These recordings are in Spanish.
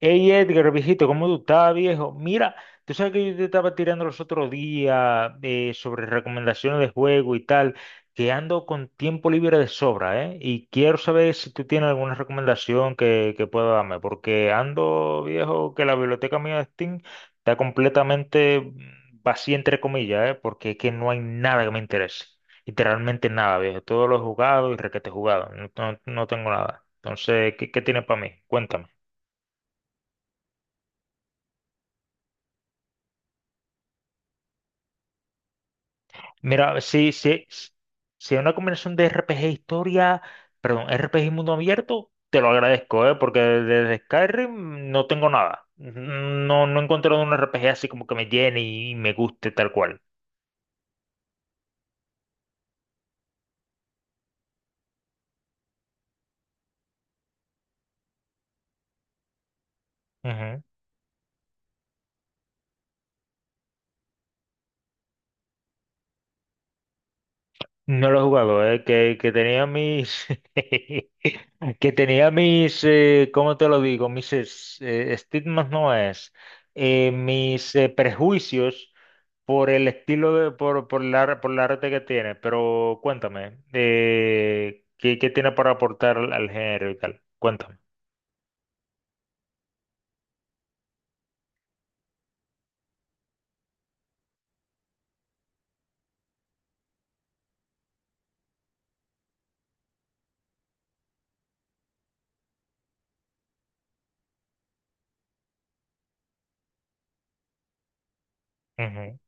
Hey Edgar, viejito, ¿cómo tú estás, viejo? Mira, tú sabes que yo te estaba tirando los otros días, sobre recomendaciones de juego y tal, que ando con tiempo libre de sobra, ¿eh? Y quiero saber si tú tienes alguna recomendación que pueda darme, porque ando, viejo, que la biblioteca mía de Steam está completamente vacía, entre comillas, ¿eh? Porque es que no hay nada que me interese. Literalmente nada, viejo. Todo lo he jugado y requete jugado. No, no tengo nada. Entonces, ¿qué tienes para mí? Cuéntame. Mira, si es una combinación de RPG historia, perdón, RPG y mundo abierto, te lo agradezco, ¿eh? Porque desde Skyrim no tengo nada. No, no he encontrado un RPG así como que me llene y me guste tal cual. Ujú. No lo he jugado, ¿eh? Que tenía mis... que tenía mis... ¿Cómo te lo digo? Mis estigmas no es. Mis prejuicios por el estilo de, por la arte que tiene, pero cuéntame, ¿qué tiene para aportar al género y tal? Cuéntame. Ujú,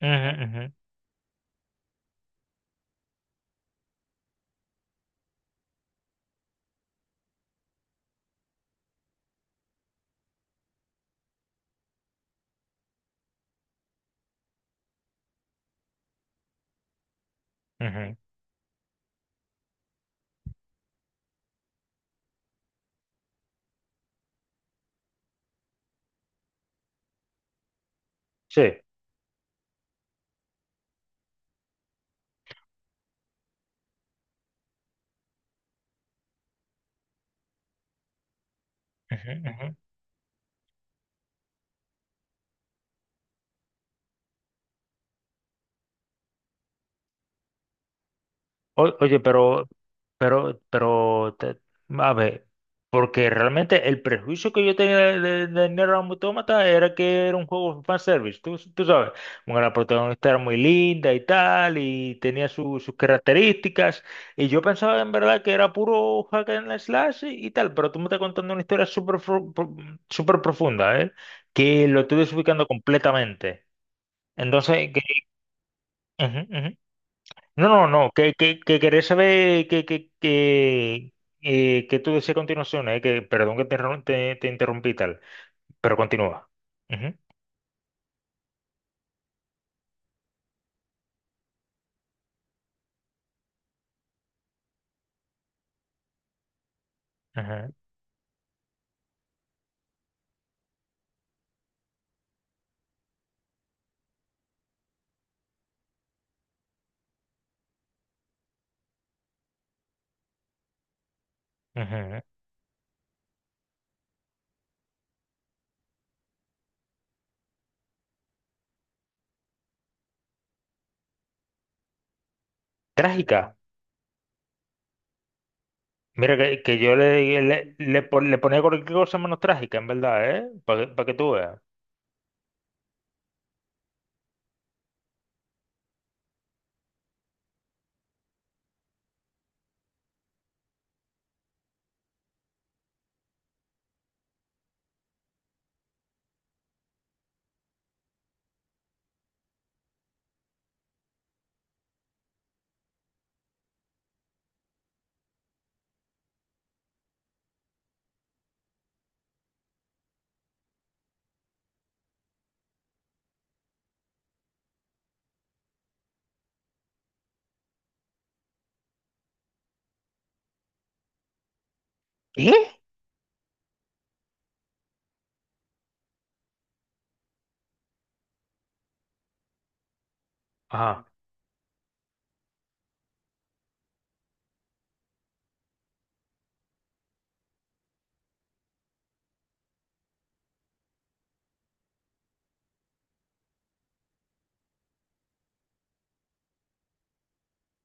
ujú, ujú, ujú. Sí. Ujú, ujú. Oye, pero, a ver, porque realmente el prejuicio que yo tenía de Nier Automata era que era un juego fanservice, tú sabes, bueno, la protagonista era muy linda y tal, y tenía sus características, y yo pensaba en verdad que era puro hack and slash y tal, pero tú me estás contando una historia súper profunda, ¿eh? Que lo estoy desubicando completamente. Entonces, que, ujú, ujú. No, no, no, que querés saber que tú decías a continuación, que perdón que te interrumpí y tal, pero continúa. Ujú, ajá, ajá. Trágica. Mira que yo le ponía cualquier cosa menos trágica, en verdad, ¿eh? Para que, pa' que tú veas. ¿Qué? Ajá,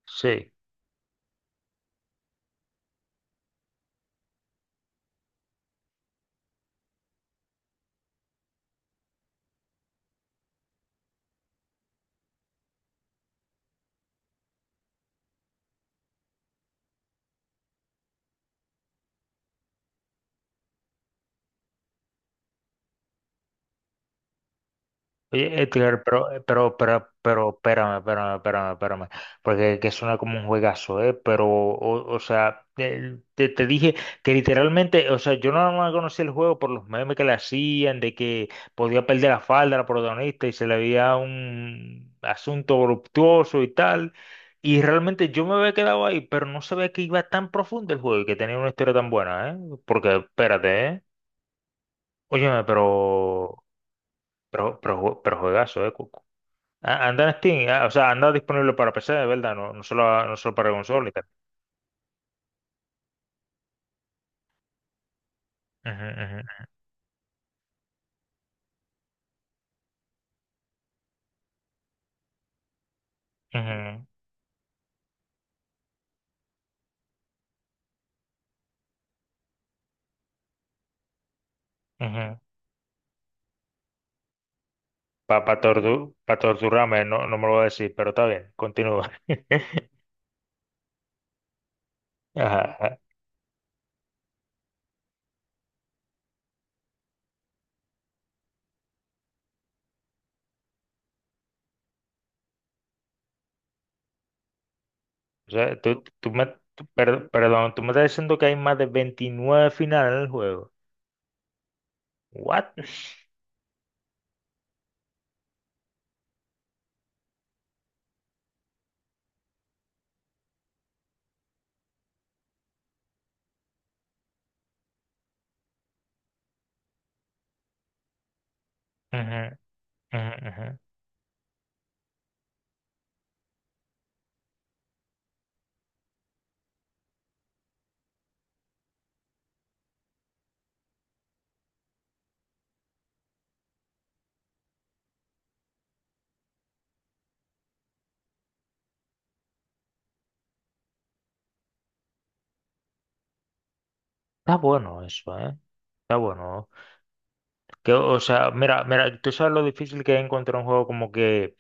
sí. Oye, Edgar, pero, espérame, espérame, espérame, espérame, porque que suena como un juegazo, ¿eh? Pero, o sea, te dije que literalmente, o sea, yo no, más conocía el juego por los memes que le hacían, de que podía perder la falda a la protagonista y se le veía un asunto voluptuoso y tal, y realmente yo me había quedado ahí, pero no sabía que iba tan profundo el juego y que tenía una historia tan buena, ¿eh? Porque, espérate, ¿eh? Óyeme, pero, pero juegazo, ¿eh? Ah, anda en Steam, ah, o sea, anda disponible para PC, de verdad, no solo para consola y tal. Para torturarme, no, no me lo voy a decir, pero está bien, continúa. Ajá, ajá. O sea, tú me, tú- per- perdón, tú me estás diciendo que hay más de 29 finales en el juego. ¿What? Ujú, ujú, ujú. Está bueno eso, ¿eh? Está bueno. Que, o sea, mira, mira, tú sabes lo difícil que es encontrar un juego como que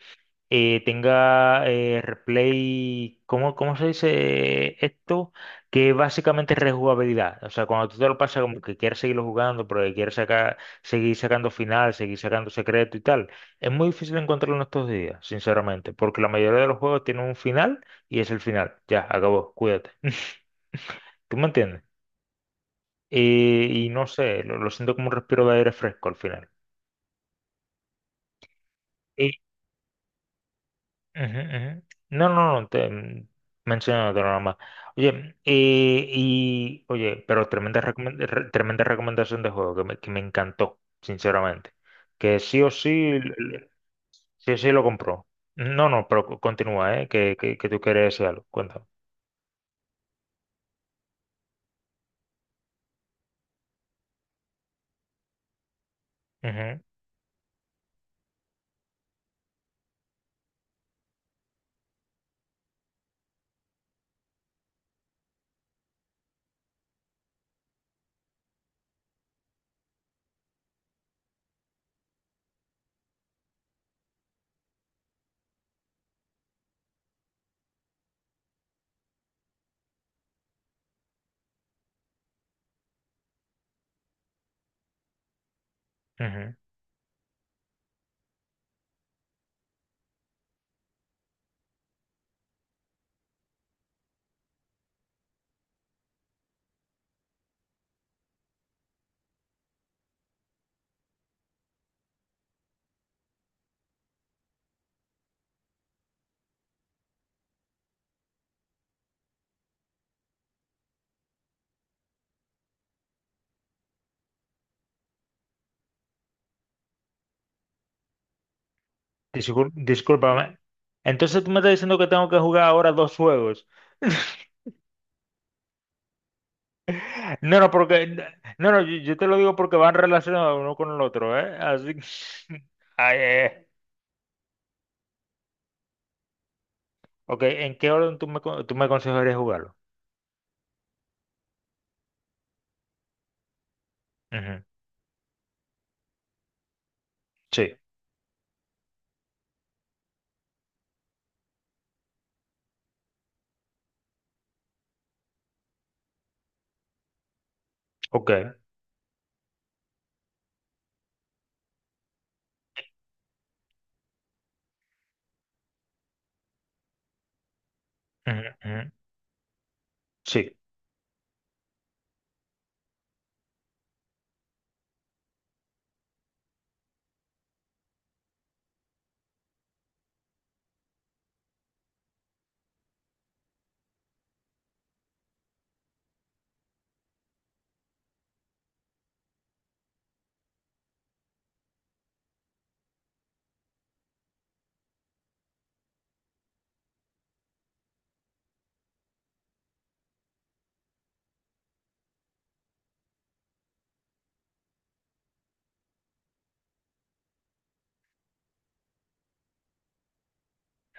tenga replay, ¿cómo se dice esto? Que básicamente es rejugabilidad. O sea, cuando tú te lo pasas como que quieres seguirlo jugando, pero que quieres sacar, seguir sacando final, seguir sacando secreto y tal. Es muy difícil encontrarlo en estos días, sinceramente, porque la mayoría de los juegos tienen un final y es el final. Ya, acabó, cuídate. ¿Tú me entiendes? Y no sé, lo siento como un respiro de aire fresco al final. Ujú, ujú. No, no, no, te menciono otro nomás. Oye, pero tremenda, tremenda recomendación de juego que me encantó, sinceramente. Que sí o sí, sí o sí lo compró. No, no, pero continúa, ¿eh? Que tú quieres decir algo. Cuéntame. Ujú, ujú. Discúlpame. Entonces tú me estás diciendo que tengo que jugar ahora dos juegos. No, no, porque, no, no, yo te lo digo porque van relacionados uno con el otro, ¿eh? Así que, ay, ok, ¿en qué orden tú me aconsejarías jugarlo? Ujú, sí, ok, ujú, ujú, sí,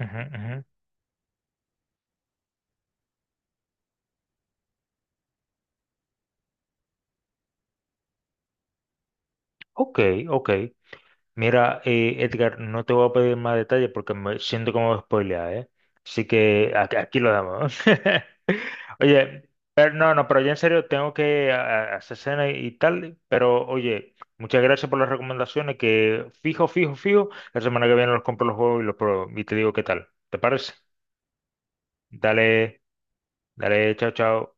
ujú, ujú. Ok, ok. Mira, Edgar, no te voy a pedir más detalles porque me siento como spoilear, ¿eh? Así que aquí, aquí lo damos. Oye, pero no, no, pero ya en serio tengo que hacer cena y tal, pero oye, muchas gracias por las recomendaciones que fijo, fijo, fijo, la semana que viene los compro los juegos y los pruebo y te digo qué tal. ¿Te parece? Dale, dale, chao, chao.